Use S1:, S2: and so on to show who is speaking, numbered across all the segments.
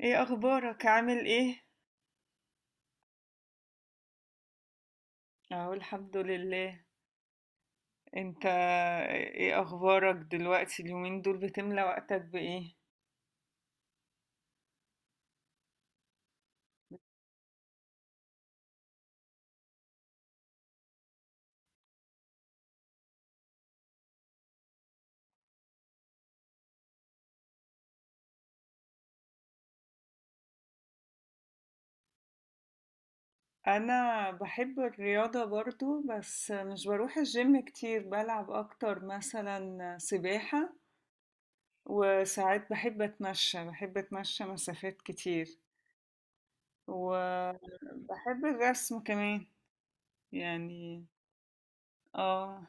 S1: ايه اخبارك؟ عامل ايه؟ اهو الحمد لله. انت؟ ايه اخبارك دلوقتي؟ اليومين دول بتملى وقتك بايه؟ انا بحب الرياضة برضو، بس مش بروح الجيم كتير، بلعب اكتر مثلا سباحة. وساعات بحب اتمشى مسافات كتير. وبحب الرسم كمان، يعني. اه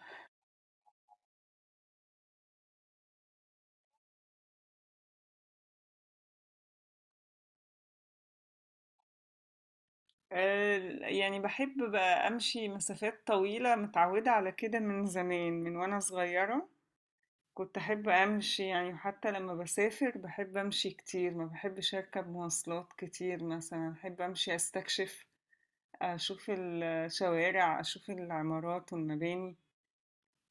S1: آه، يعني بحب بقى أمشي مسافات طويلة، متعودة على كده من زمان، من وأنا صغيرة كنت أحب أمشي. يعني حتى لما بسافر بحب أمشي كتير، ما بحبش أركب مواصلات كتير، مثلا أحب أمشي أستكشف، أشوف الشوارع، أشوف العمارات والمباني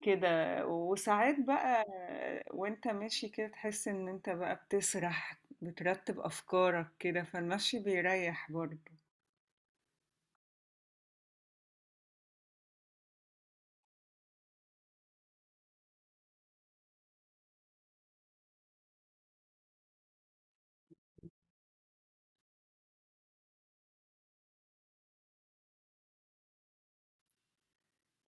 S1: كده. وساعات بقى وانت ماشي كده تحس ان انت بقى بتسرح، بترتب أفكارك كده، فالمشي بيريح برضه.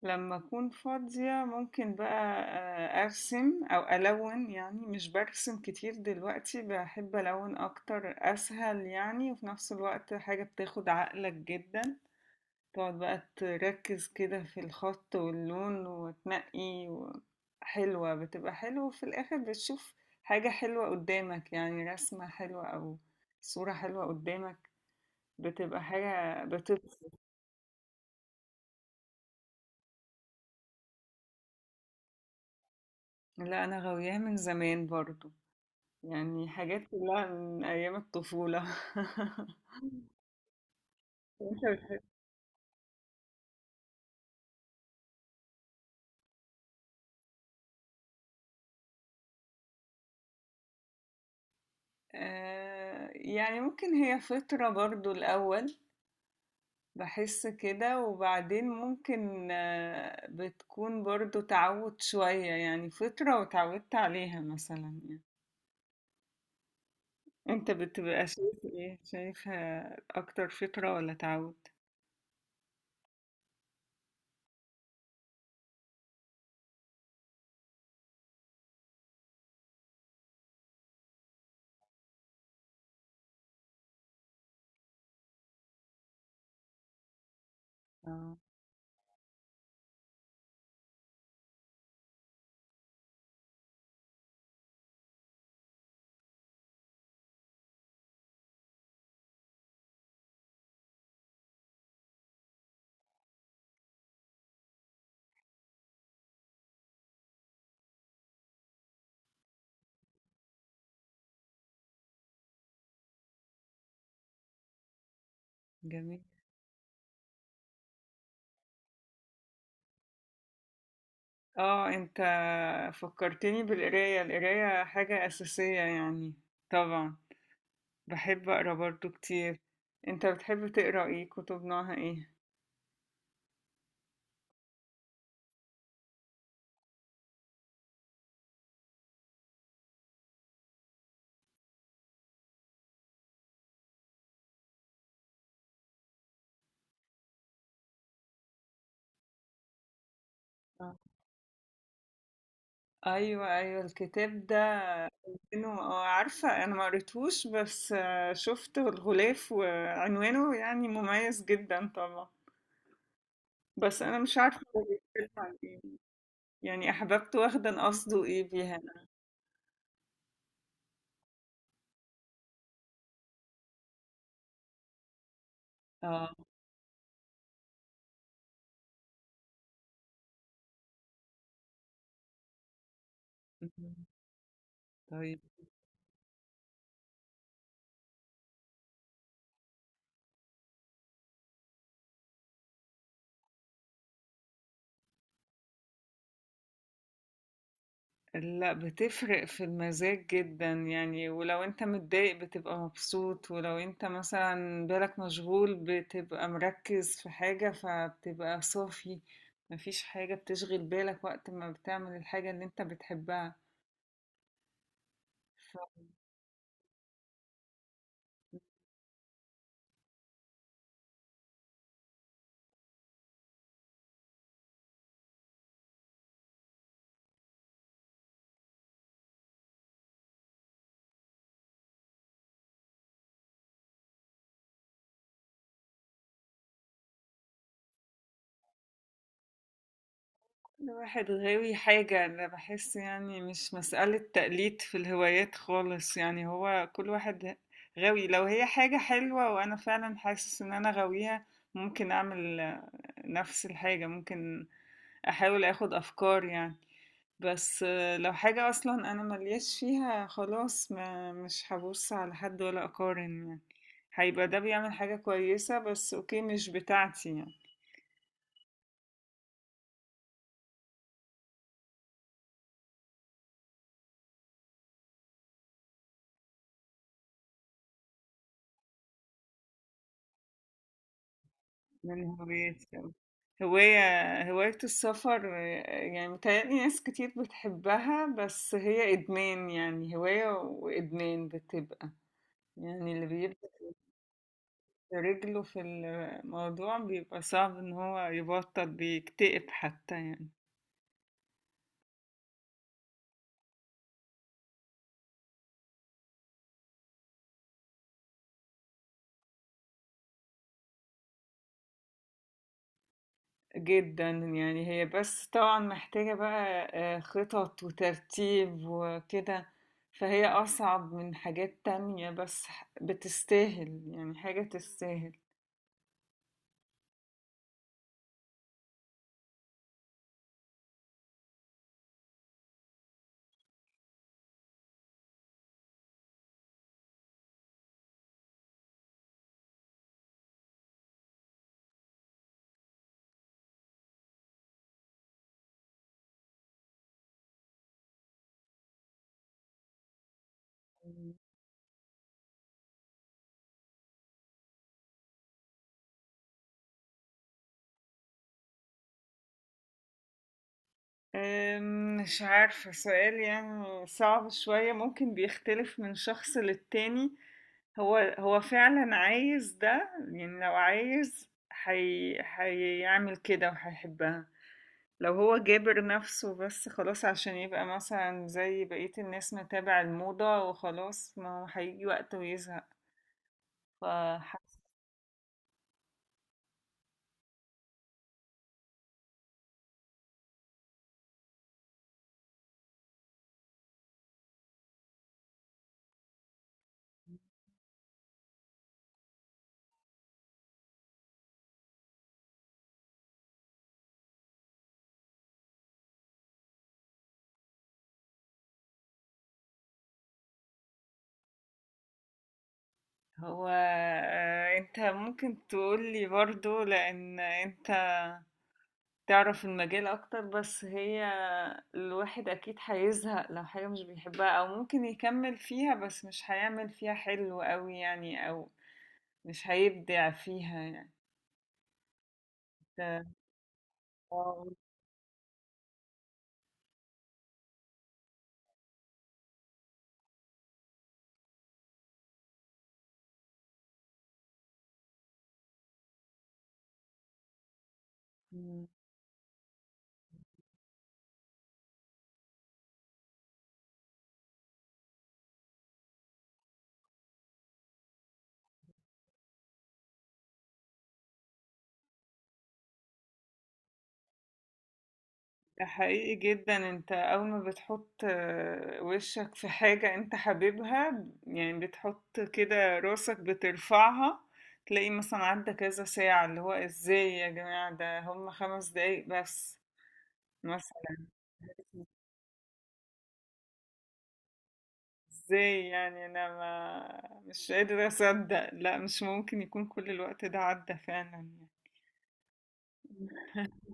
S1: لما أكون فاضية ممكن بقى أرسم أو ألون. يعني مش برسم كتير دلوقتي، بحب ألون أكتر، أسهل يعني، وفي نفس الوقت حاجة بتاخد عقلك جدا، تقعد بقى تركز كده في الخط واللون بتبقى حلوة. وفي الآخر بتشوف حاجة حلوة قدامك، يعني رسمة حلوة أو صورة حلوة قدامك، بتبقى حاجة بتبسط. لا، أنا غاوياها من زمان برضو، يعني حاجات كلها من أيام الطفولة. وأنت بتحب؟ آه، يعني ممكن هي فترة برضو الأول، بحس كده، وبعدين ممكن بتكون برضو تعود شوية، يعني فترة وتعودت عليها مثلا يعني. أنت بتبقى شايف إيه؟ شايفها أكتر فترة ولا تعود؟ اه. جميل. اه. انت فكرتني بالقراية، القراية حاجة أساسية يعني، طبعا باحب أقرا برضه كتير. أنت بتحب تقرا إيه؟ كتب نوعها إيه؟ آه. أيوه، أيوه الكتاب ده عنوانه عارفة، أنا ما قريتهوش، بس شفت الغلاف وعنوانه يعني مميز جدا طبعا، بس أنا مش عارفة هو بيتكلم عن إيه. يعني أحببت واخدة، قصده إيه بيها أنا. آه. مهم. طيب. لأ، بتفرق في المزاج جدًا يعني، ولو أنت متضايق بتبقى مبسوط، ولو أنت مثلًا بالك مشغول بتبقى مركّز في حاجة، فبتبقى صافي، ما فيش حاجة بتشغل بالك وقت ما بتعمل الحاجة اللي أنت بتحبها، فكل واحد غاوي حاجة. أنا باحس يعني مش مسألة تقليد في الهوايات خالص، يعني هو كل واحد غاوي، لو هي حاجة حلوة وأنا فعلًا حاسس إن أنا غاويها ممكن أعمل نفس الحاجة، ممكن احاول اخد افكار يعني، بس لو حاجة اصلا انا ملياش فيها خلاص، ما مش هبص على حد ولا اقارن يعني. هيبقى ده بيعمل حاجة كويسة بس اوكي، مش بتاعتي يعني. من هوايتي أو هواية السفر، يعني متهيألي ناس كتير بتحبها، بس هي إدمان، يعني هواية وإدمان بتبقى، يعني اللي بيبقى رجله في الموضوع بيبقى صعب ان هو يبطل، بيكتئب حتى يعني. جدا يعني، هي بس طبعا محتاجة بقى خطط وترتيب وكده، فهي أصعب من حاجات تانية، بس بتستاهل، يعني حاجة تستاهل. مش عارفة، سؤال يعني صعب شوية، ممكن بيختلف من شخص للتاني. هو فعلا عايز ده، يعني لو عايز هيعمل كده وهيحبها. لو هو جابر نفسه بس خلاص عشان يبقى مثلا زي بقية الناس متابع الموضة وخلاص، ما هو هيجي وقت ويزهق. فحس. هو انت ممكن تقولي برضو لأن انت تعرف المجال اكتر، بس هي الواحد اكيد هيزهق لو حاجة مش بيحبها، او ممكن يكمل فيها بس مش هيعمل فيها حلو قوي يعني، او مش هيبدع فيها يعني. ده. آه، مم. ده حقيقي جدا. انت اول ما بتحط وشك في حاجة انت حاببها، يعني بتحط كده راسك بترفعها، تلاقي مثلا عدى كذا ساعة، اللي هو ازاي يا جماعة، ده هم 5 دقايق بس مثلا. ازاي يعني، انا ما مش قادرة اصدق، لا مش ممكن يكون كل الوقت ده عدى فعلا يعني.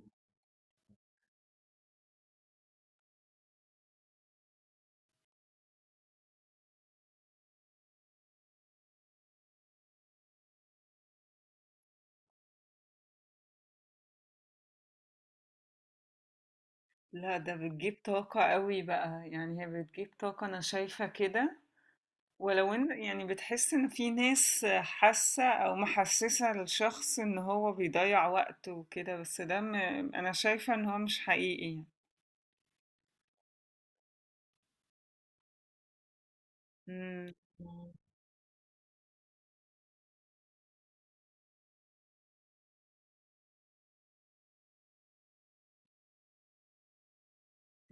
S1: لا، ده بتجيب طاقة قوي بقى، يعني هي بتجيب طاقة، أنا شايفة كده. ولو إن يعني بتحس إن في ناس حاسة أو محسسة للشخص إن هو بيضيع وقته وكده، بس أنا شايفة إن هو مش حقيقي يعني. مم.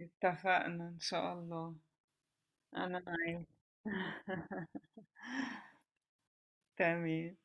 S1: اتفقنا إن شاء الله. أنا معاك. تمام